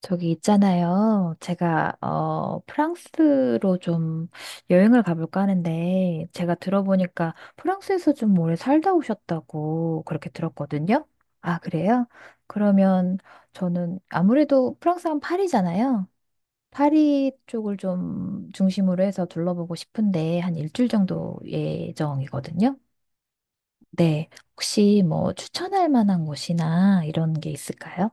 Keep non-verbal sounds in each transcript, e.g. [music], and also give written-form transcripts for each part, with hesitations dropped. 저기 있잖아요. 제가 프랑스로 좀 여행을 가볼까 하는데 제가 들어보니까 프랑스에서 좀 오래 살다 오셨다고 그렇게 들었거든요. 아, 그래요? 그러면 저는 아무래도 프랑스 는 파리잖아요. 파리 쪽을 좀 중심으로 해서 둘러보고 싶은데 한 일주일 정도 예정이거든요. 네. 혹시 뭐 추천할 만한 곳이나 이런 게 있을까요?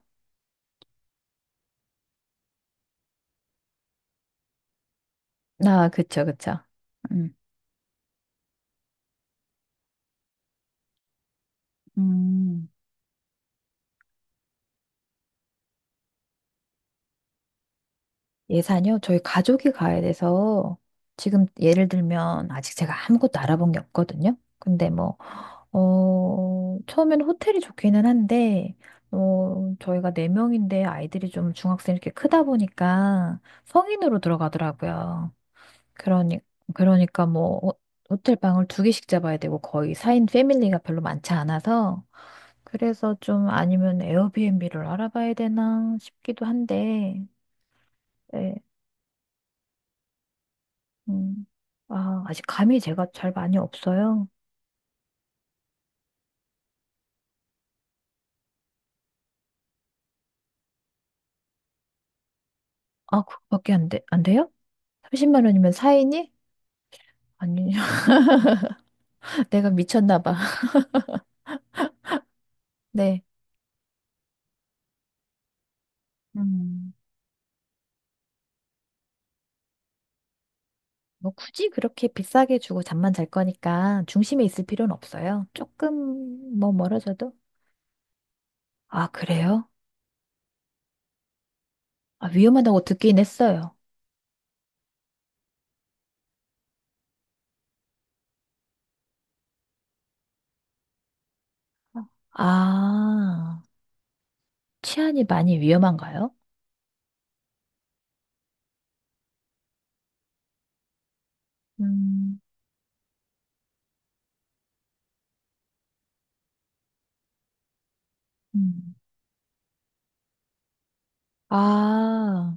아, 그쵸, 그쵸. 음. 음. 예산이요? 저희 가족이 가야 돼서 지금 예를 들면 아직 제가 아무것도 알아본 게 없거든요. 근데 뭐, 처음에는 호텔이 좋기는 한데, 저희가 네명인데 아이들이 좀 중학생 이렇게 크다 보니까 성인으로 들어가더라고요. 그러니, 그러니까 뭐, 호텔 방을 2개씩 잡아야 되고 거의 4인 패밀리가 별로 많지 않아서 그래서 좀 아니면 에어비앤비를 알아봐야 되나 싶기도 한데. 예. 음. 아, 아직 감이 제가 잘 많이 없어요. 아, 그거밖에 안 돼, 안 돼요? 30만 원이면 사인이 아니, [laughs] 내가 미쳤나 봐. [laughs] 네. 음. 뭐 굳이 그렇게 비싸게 주고 잠만 잘 거니까 중심에 있을 필요는 없어요. 조금 뭐 멀어져도. 아, 그래요? 아, 위험하다고 듣긴 했어요. 아, 치안이 많이 위험한가요? 음. 음. 아,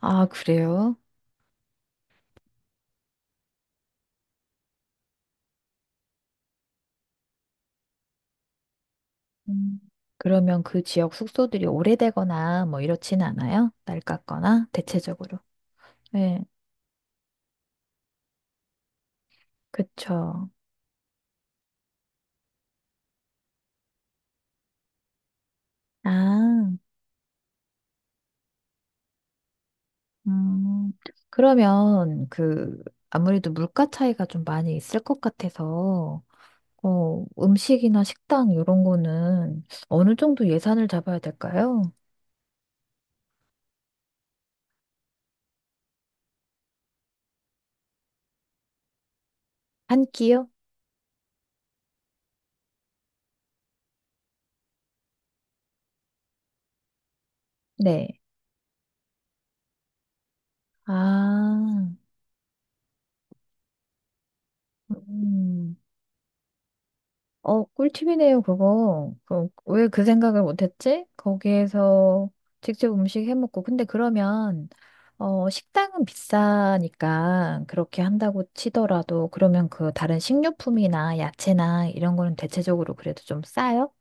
아, 그래요? 음. 그러면 그 지역 숙소들이 오래되거나 뭐 이렇지는 않아요? 낡았거나 대체적으로. 네, 그쵸. 아, 음. 그러면 아무래도 물가 차이가 좀 많이 있을 것 같아서 음식이나 식당 이런 거는 어느 정도 예산을 잡아야 될까요? 한 끼요? 네. 아, 음. 꿀팁이네요, 그거. 왜 그 생각을 못했지? 거기에서 직접 음식 해 먹고. 근데 그러면, 식당은 비싸니까 그렇게 한다고 치더라도, 그러면 그 다른 식료품이나 야채나 이런 거는 대체적으로 그래도 좀 싸요?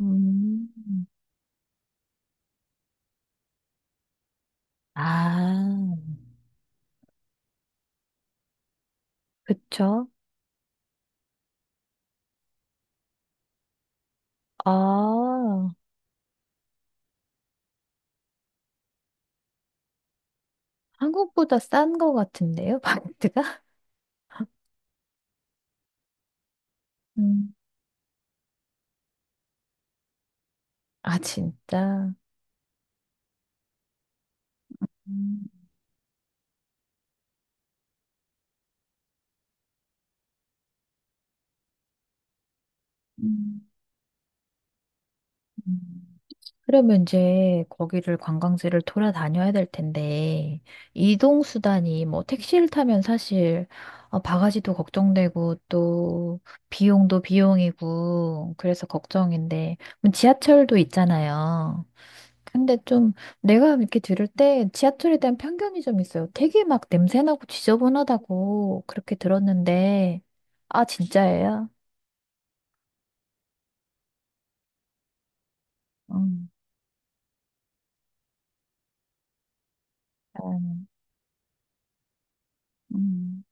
음. 아, 그쵸? 아, 한국보다 싼 거 같은데요, 바게트가? [laughs] 음, 아, 진짜. 음. 음. 그러면 이제 거기를 관광지를 돌아다녀야 될 텐데, 이동 수단이 뭐 택시를 타면 사실 바가지도 걱정되고 또 비용도 비용이고 그래서 걱정인데, 그럼 지하철도 있잖아요. 근데 좀 내가 이렇게 들을 때 지하철에 대한 편견이 좀 있어요. 되게 막 냄새나고 지저분하다고 그렇게 들었는데. 아, 진짜예요? 음, 음. 음,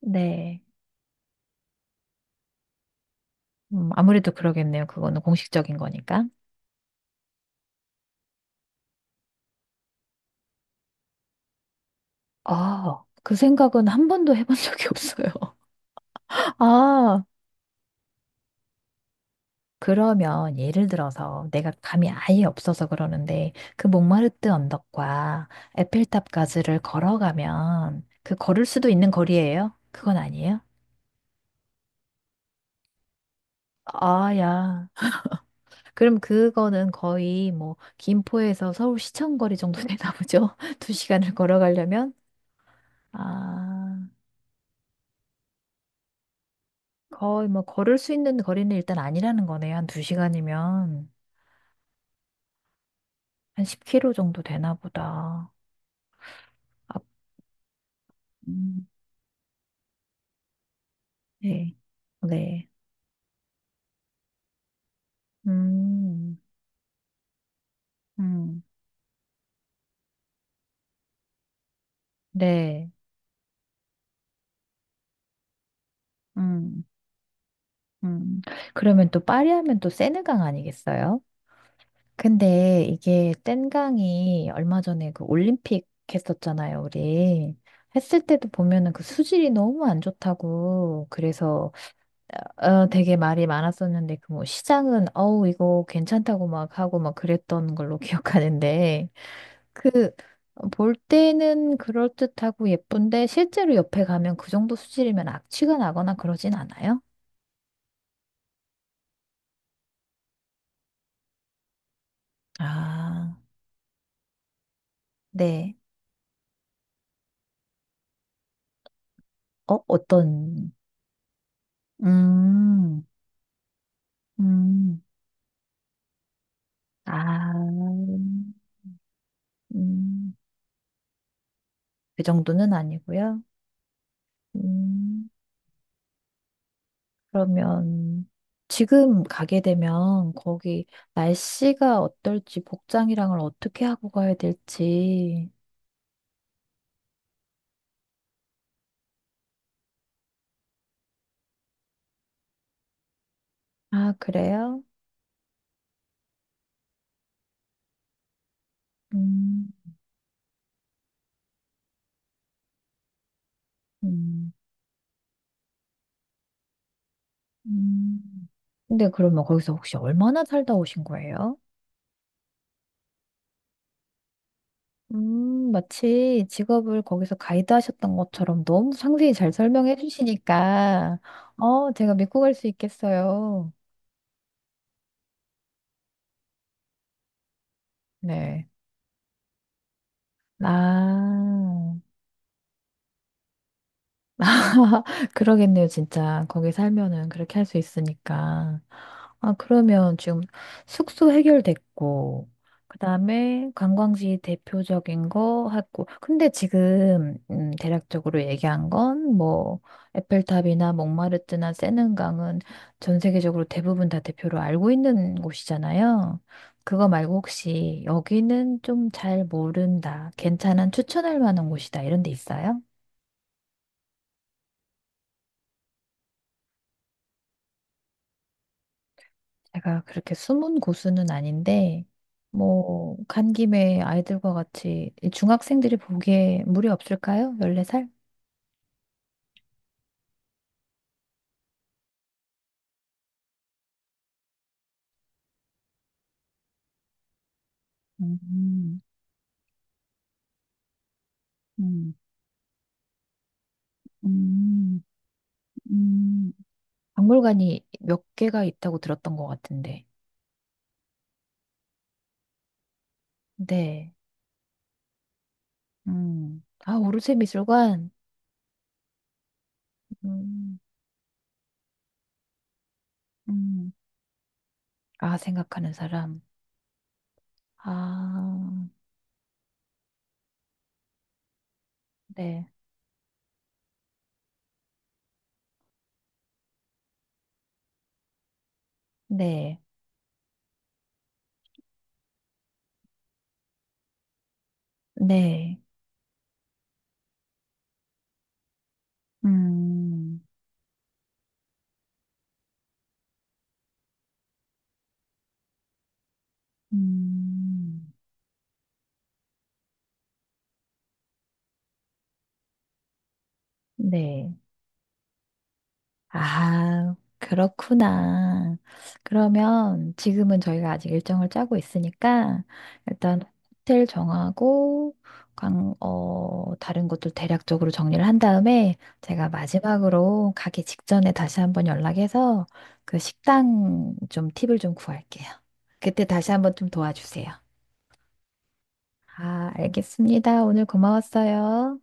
네. 아무래도 그러겠네요. 그거는 공식적인 거니까. 아, 그 생각은 한 번도 해본 적이 없어요. [laughs] 아, 그러면 예를 들어서 내가 감이 아예 없어서 그러는데 그 몽마르트 언덕과 에펠탑까지를 걸어가면 그 걸을 수도 있는 거리예요? 그건 아니에요? 아, 야. 그럼 그거는 거의 뭐 김포에서 서울 시청 거리 정도 되나 보죠? [laughs] 두 시간을 걸어가려면? 아. 거의 뭐 걸을 수 있는 거리는 일단 아니라는 거네. 요 한 두시간이면한 10km 정도 되나 보다. 아, 음, 네. 네. 음, 음, 네. 음, 음. 그러면 또 파리 하면 또 세느강 아니겠어요? 근데 이게 뗀강이 얼마 전에 그 올림픽 했었잖아요, 우리. 했을 때도 보면은 그 수질이 너무 안 좋다고. 그래서 되게 말이 많았었는데, 그 뭐, 시장은, 어우, 이거 괜찮다고 막 하고 막 그랬던 걸로 [laughs] 기억하는데, 그, 볼 때는 그럴듯하고 예쁜데, 실제로 옆에 가면 그 정도 수질이면 악취가 나거나 그러진 않아요? 아, 네. 어떤, 음, 음. 아, 음, 그 정도는 아니고요. 음. 그러면 지금 가게 되면 거기 날씨가 어떨지 복장이랑을 어떻게 하고 가야 될지. 아, 그래요? 음, 음, 음. 근데 그러면 거기서 혹시 얼마나 살다 오신 거예요? 마치 직업을 거기서 가이드 하셨던 것처럼 너무 상세히 잘 설명해 주시니까, 제가 믿고 갈 수 있겠어요. 네. 아. [laughs] 그러겠네요, 진짜. 거기 살면은 그렇게 할 수 있으니까. 아, 그러면 지금 숙소 해결됐고, 그 다음에 관광지 대표적인 거 하고, 근데 지금, 대략적으로 얘기한 건, 뭐, 에펠탑이나 몽마르트나 세는강은 전 세계적으로 대부분 다 대표로 알고 있는 곳이잖아요. 그거 말고 혹시 여기는 좀 잘 모른다, 괜찮은 추천할 만한 곳이다, 이런 데 있어요? 제가 그렇게 숨은 고수는 아닌데, 뭐, 간 김에 아이들과 같이 이 중학생들이 보기에 무리 없을까요? 14살? 음, 음, 음, 음, 박물관이 몇 개가 있다고 들었던 것 같은데. 네. 아, 오르세 미술관? 음, 음. 아, 생각하는 사람. 아, 네. 네. 네. 음, 음. 네. 아, 그렇구나. 그러면 지금은 저희가 아직 일정을 짜고 있으니까 일단 호텔 정하고 다른 것도 대략적으로 정리를 한 다음에 제가 마지막으로 가기 직전에 다시 한번 연락해서 그 식당 좀 팁을 좀 구할게요. 그때 다시 한번 좀 도와주세요. 아, 알겠습니다. 오늘 고마웠어요.